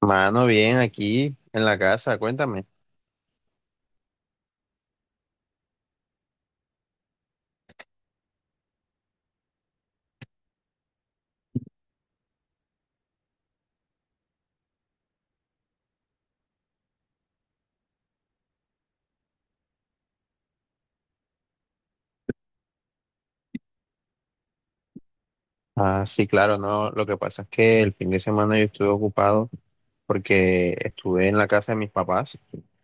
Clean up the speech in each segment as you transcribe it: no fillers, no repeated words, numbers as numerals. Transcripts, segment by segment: Mano, bien, aquí en la casa, cuéntame. Ah, sí, claro, no. Lo que pasa es que el fin de semana yo estuve ocupado porque estuve en la casa de mis papás,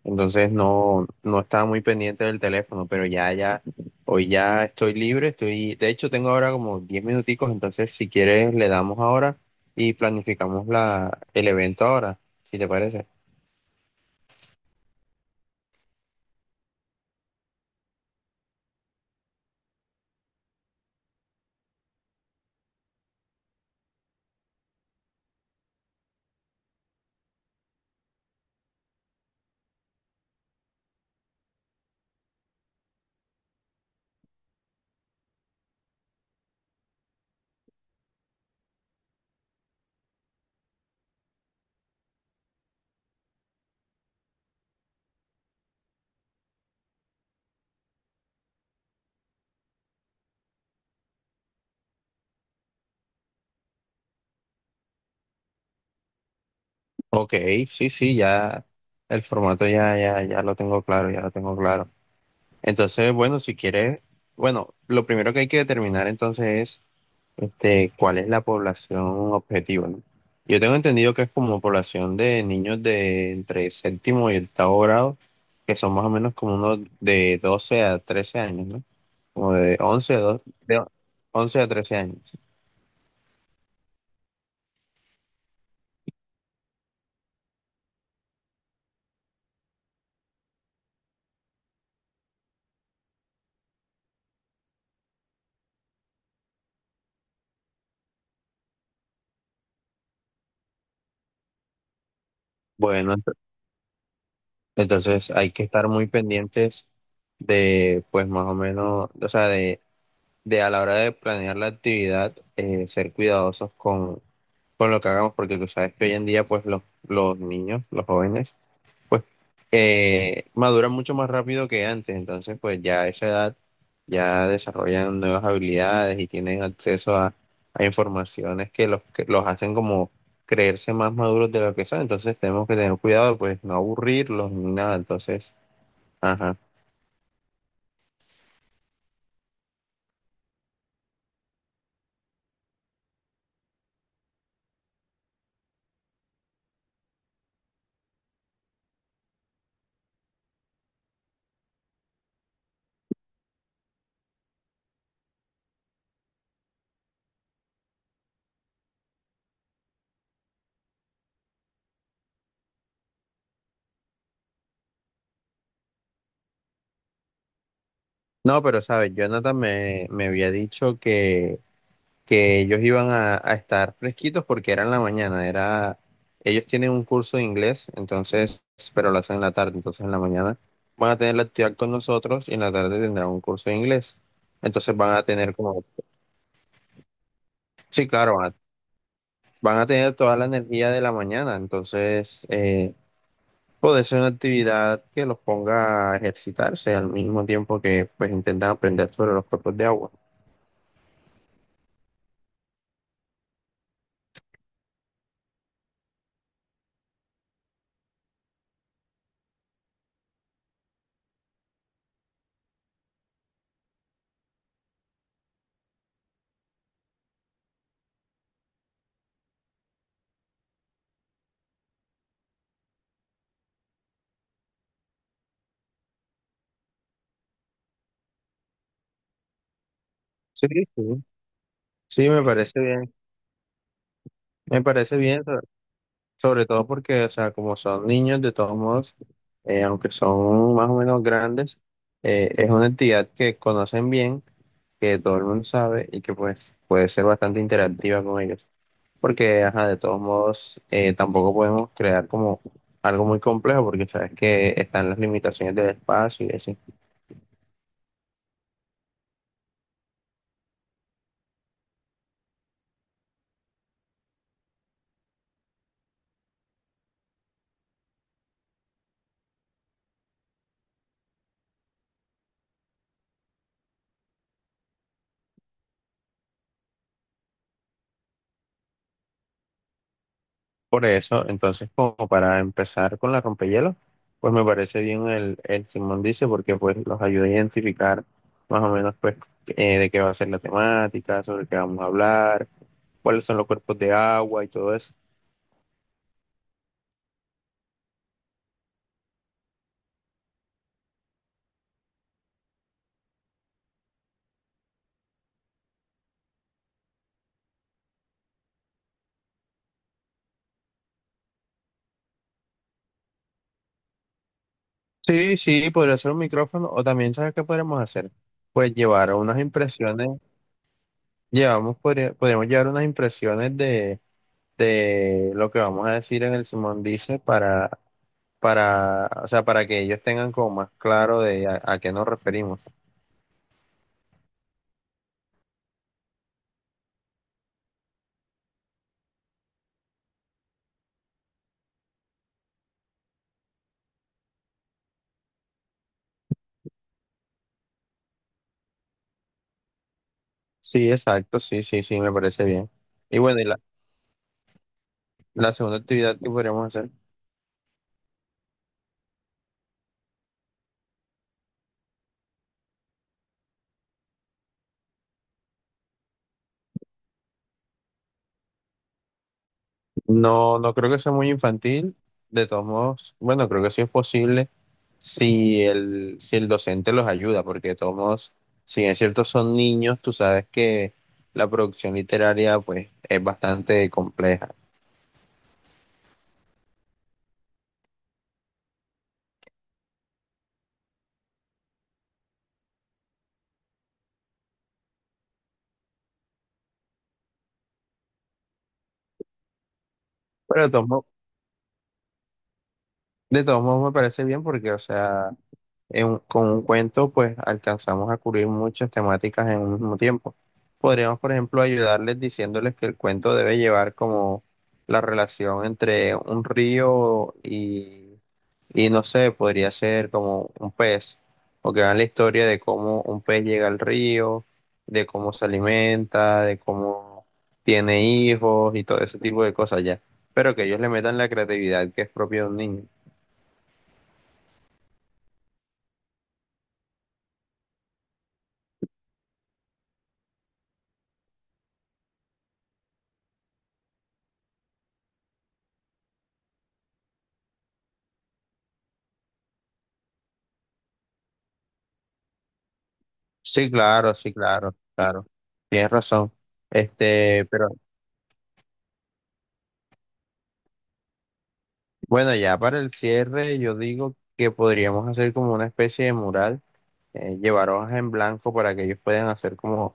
entonces no estaba muy pendiente del teléfono, pero ya, ya, hoy ya estoy libre, estoy, de hecho tengo ahora como 10 minuticos, entonces si quieres le damos ahora y planificamos el evento ahora, si te parece. Ok, sí, sí, ya el formato ya, ya lo tengo claro, ya lo tengo claro. Entonces, bueno, si quieres, bueno, lo primero que hay que determinar entonces es este, ¿cuál es la población objetiva? ¿No? Yo tengo entendido que es como población de niños de entre séptimo y octavo grado, que son más o menos como unos de 12 a 13 años, ¿no? Como de 11 a 12 de 11 a 13 años. Bueno, entonces hay que estar muy pendientes de, pues más o menos, o sea, de a la hora de planear la actividad, ser cuidadosos con lo que hagamos, porque tú sabes que hoy en día, pues los niños, los jóvenes, pues maduran mucho más rápido que antes, entonces pues ya a esa edad ya desarrollan nuevas habilidades y tienen acceso a informaciones que que los hacen como creerse más maduros de lo que son, entonces tenemos que tener cuidado, pues no aburrirlos ni nada, entonces, ajá. No, pero sabes, Jonathan me había dicho que ellos iban a estar fresquitos porque era en la mañana, era, ellos tienen un curso de inglés, entonces, pero lo hacen en la tarde, entonces en la mañana van a tener la actividad con nosotros y en la tarde tendrán un curso de inglés. Entonces van a tener como, sí, claro, van a tener toda la energía de la mañana, entonces puede ser una actividad que los ponga a ejercitarse al mismo tiempo que pues intentan aprender sobre los cuerpos de agua. Sí, sí. Sí, me parece bien, me parece bien. Sobre todo porque, o sea, como son niños, de todos modos, aunque son más o menos grandes, es una entidad que conocen bien, que todo el mundo sabe y que pues puede ser bastante interactiva con ellos. Porque, ajá, de todos modos, tampoco podemos crear como algo muy complejo porque sabes que están las limitaciones del espacio y así. Por eso, entonces, como para empezar con la rompehielos, pues me parece bien el Simón dice, porque pues los ayuda a identificar más o menos pues de qué va a ser la temática, sobre qué vamos a hablar, cuáles son los cuerpos de agua y todo eso. Sí, sí, podría ser un micrófono, o también, ¿sabes qué podríamos hacer? Pues llevar unas impresiones, llevamos, podríamos llevar unas impresiones de lo que vamos a decir en el Simón dice para, o sea, para que ellos tengan como más claro de a qué nos referimos. Sí, exacto, sí, sí, sí, me parece bien. Y bueno, la segunda actividad que podríamos hacer, no, no creo que sea muy infantil, de todos modos, bueno, creo que sí es posible si si el docente los ayuda, porque de todos modos, si bien es cierto son niños, tú sabes que la producción literaria pues es bastante compleja. Pero de todos modos me parece bien porque, o sea, con un cuento, pues alcanzamos a cubrir muchas temáticas en un mismo tiempo. Podríamos, por ejemplo, ayudarles diciéndoles que el cuento debe llevar como la relación entre un río y no sé, podría ser como un pez, o que hagan la historia de cómo un pez llega al río, de cómo se alimenta, de cómo tiene hijos y todo ese tipo de cosas ya. Pero que ellos le metan la creatividad que es propia de un niño. Sí, claro, sí, claro, claro. Tienes razón. Este, pero bueno, ya para el cierre, yo digo que podríamos hacer como una especie de mural, llevar hojas en blanco para que ellos puedan hacer como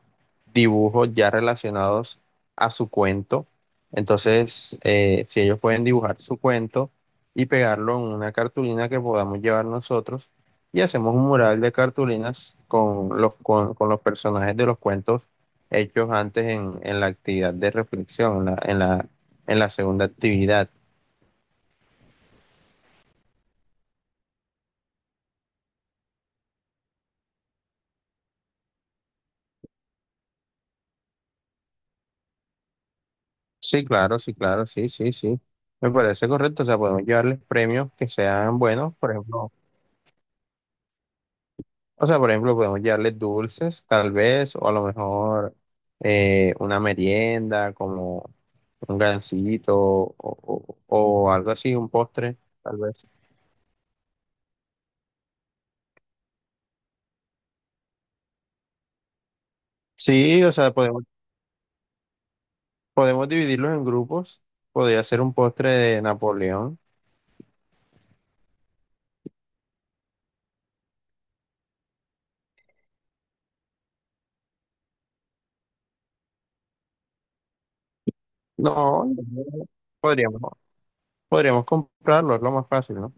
dibujos ya relacionados a su cuento. Entonces, si ellos pueden dibujar su cuento y pegarlo en una cartulina que podamos llevar nosotros, y hacemos un mural de cartulinas con con los personajes de los cuentos hechos antes en la actividad de reflexión, en la segunda actividad. Sí, claro, sí, claro, sí, sí, sí. Me parece correcto. O sea, podemos llevarles premios que sean buenos, por ejemplo. O sea, por ejemplo, podemos llevarles dulces, tal vez, o a lo mejor una merienda, como un gansito o algo así, un postre, tal vez. Sí, o sea, podemos, podemos dividirlos en grupos. Podría ser un postre de Napoleón. No, podríamos, podríamos comprarlo, es lo más fácil, ¿no?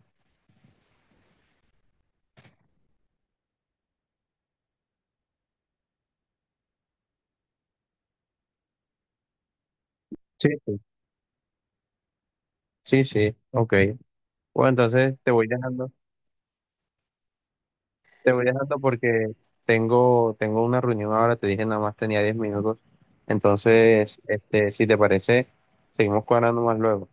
Sí, sí. Sí, sí, ok. Bueno, entonces te voy dejando porque tengo, tengo una reunión ahora, te dije nada más tenía 10 minutos. Entonces, este, si te parece, seguimos cuadrando más luego.